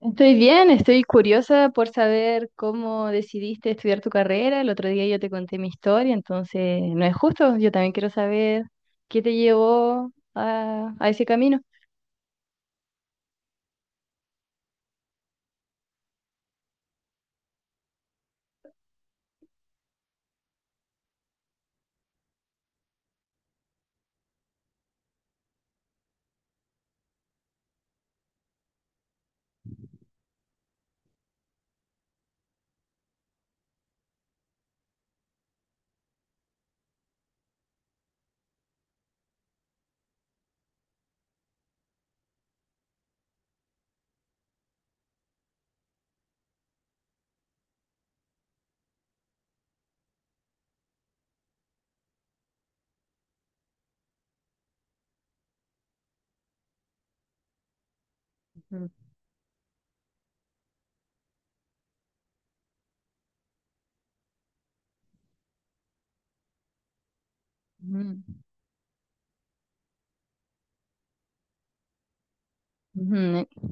Estoy bien, estoy curiosa por saber cómo decidiste estudiar tu carrera. El otro día yo te conté mi historia, entonces no es justo. Yo también quiero saber qué te llevó a ese camino. Ujú, ujú, ujú.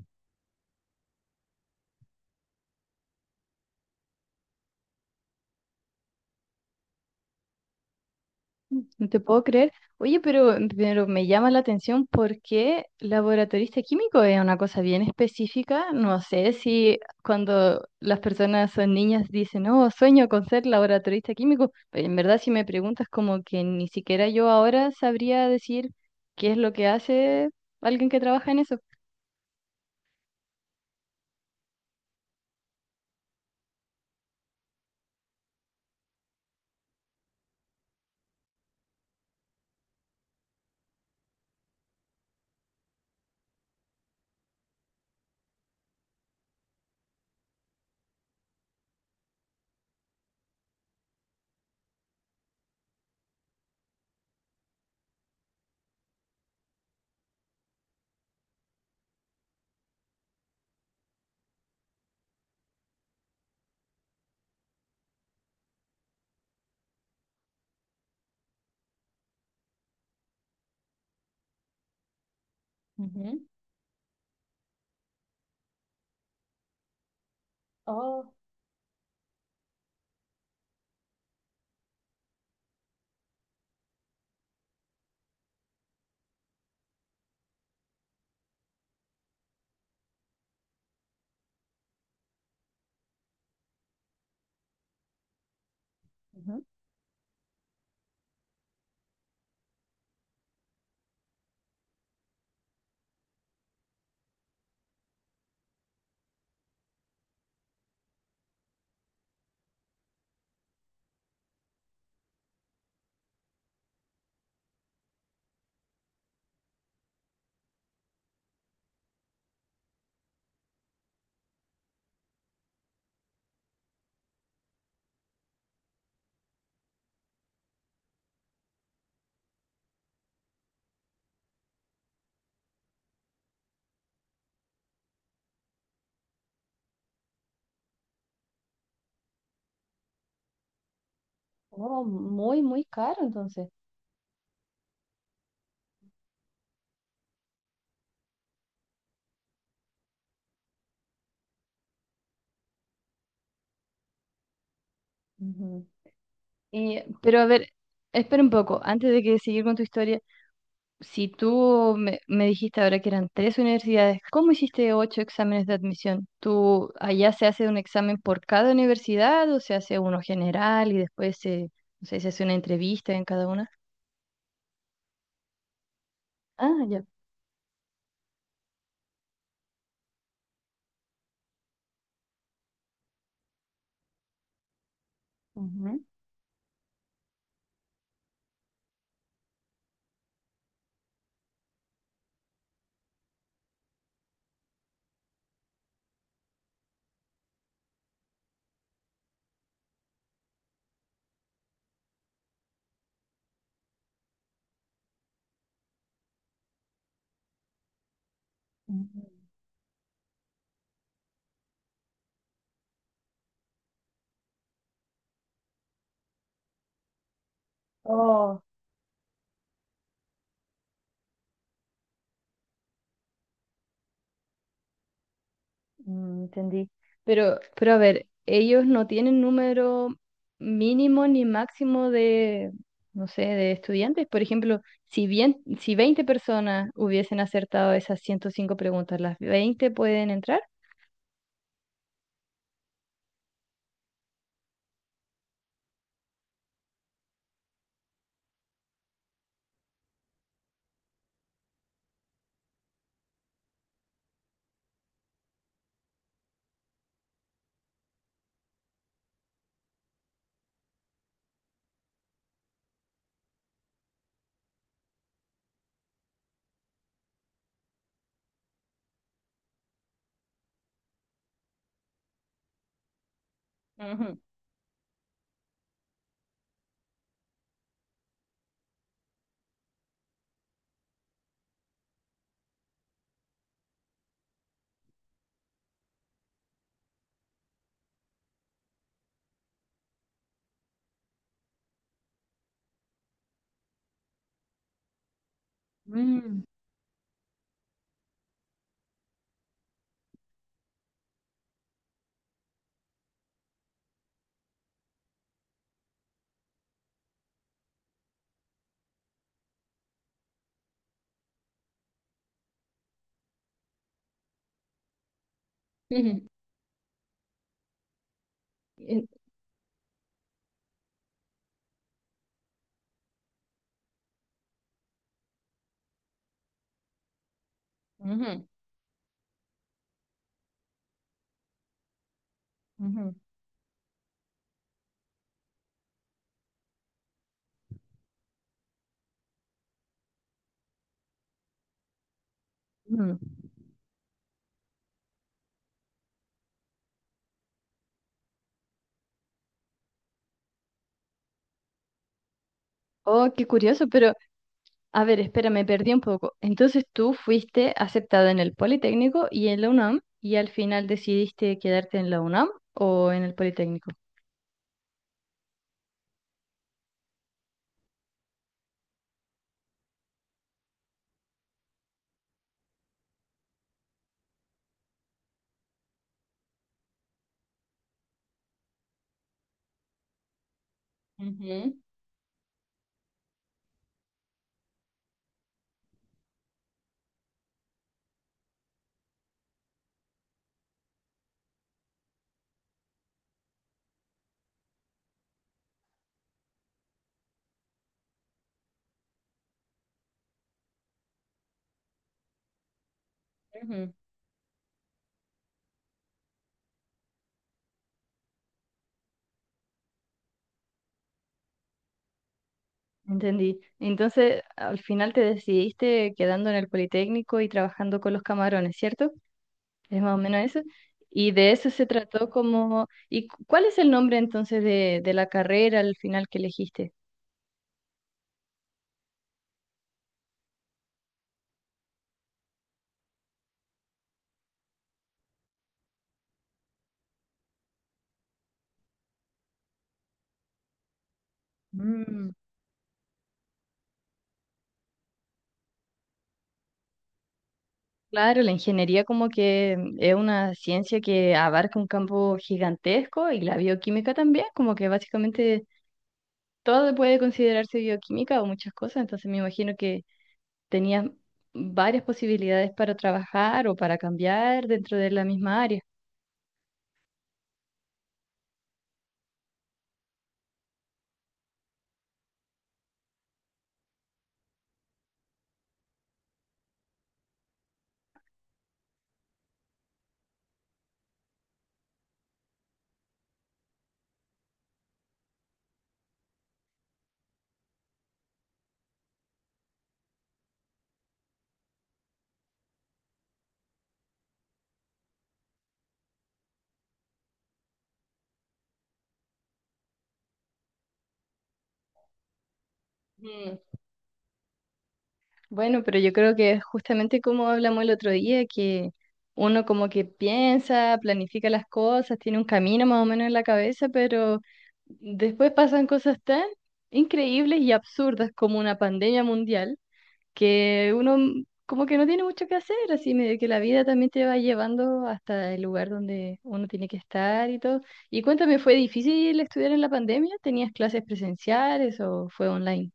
No te puedo creer. Oye, pero me llama la atención porque laboratorista químico es una cosa bien específica. No sé si cuando las personas son niñas dicen, no, sueño con ser laboratorista químico, pero en verdad si me preguntas como que ni siquiera yo ahora sabría decir qué es lo que hace alguien que trabaja en eso. Ujú. Oh, ujú. Oh, muy, muy caro entonces. Ujú. Y, pero a ver, espera un poco, antes de que seguir con tu historia. Si tú me dijiste ahora que eran tres universidades, ¿cómo hiciste ocho exámenes de admisión? ¿Tú allá se hace un examen por cada universidad o se hace uno general y después no sé, se hace una entrevista en cada una? Ah, ya. Ujú. Ujú. Oh. Mm, entendí. Pero a ver, ellos no tienen número mínimo ni máximo de, no sé, de estudiantes. Por ejemplo, si bien, si 20 personas hubiesen acertado esas 105 preguntas, ¿las 20 pueden entrar? Ujú. Mm. Ujú. En- Ujú, ujú. Mm. Oh, qué curioso, pero a ver, espera, me perdí un poco. Entonces tú fuiste aceptada en el Politécnico y en la UNAM y al final decidiste quedarte en la UNAM o en el Politécnico. Ujú, ujú. Entendí. Entonces, al final te decidiste quedando en el Politécnico y trabajando con los camarones, ¿cierto? Es más o menos eso. Y de eso se trató como… ¿Y cuál es el nombre entonces de la carrera al final que elegiste? Mm, claro, la ingeniería como que es una ciencia que abarca un campo gigantesco y la bioquímica también, como que básicamente todo puede considerarse bioquímica o muchas cosas, entonces me imagino que tenías varias posibilidades para trabajar o para cambiar dentro de la misma área. Mm, bueno, pero yo creo que justamente como hablamos el otro día, que uno como que piensa, planifica las cosas, tiene un camino más o menos en la cabeza, pero después pasan cosas tan increíbles y absurdas como una pandemia mundial que uno como que no tiene mucho que hacer, así medio que la vida también te va llevando hasta el lugar donde uno tiene que estar y todo. Y cuéntame, ¿fue difícil estudiar en la pandemia? ¿Tenías clases presenciales o fue online?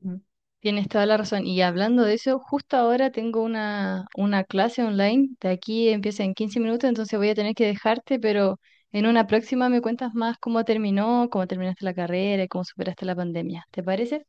Mm. Tienes toda la razón. Y hablando de eso, justo ahora tengo una clase online. De aquí empieza en 15 minutos, entonces voy a tener que dejarte, pero en una próxima me cuentas más cómo terminó, cómo terminaste la carrera y cómo superaste la pandemia. ¿Te parece?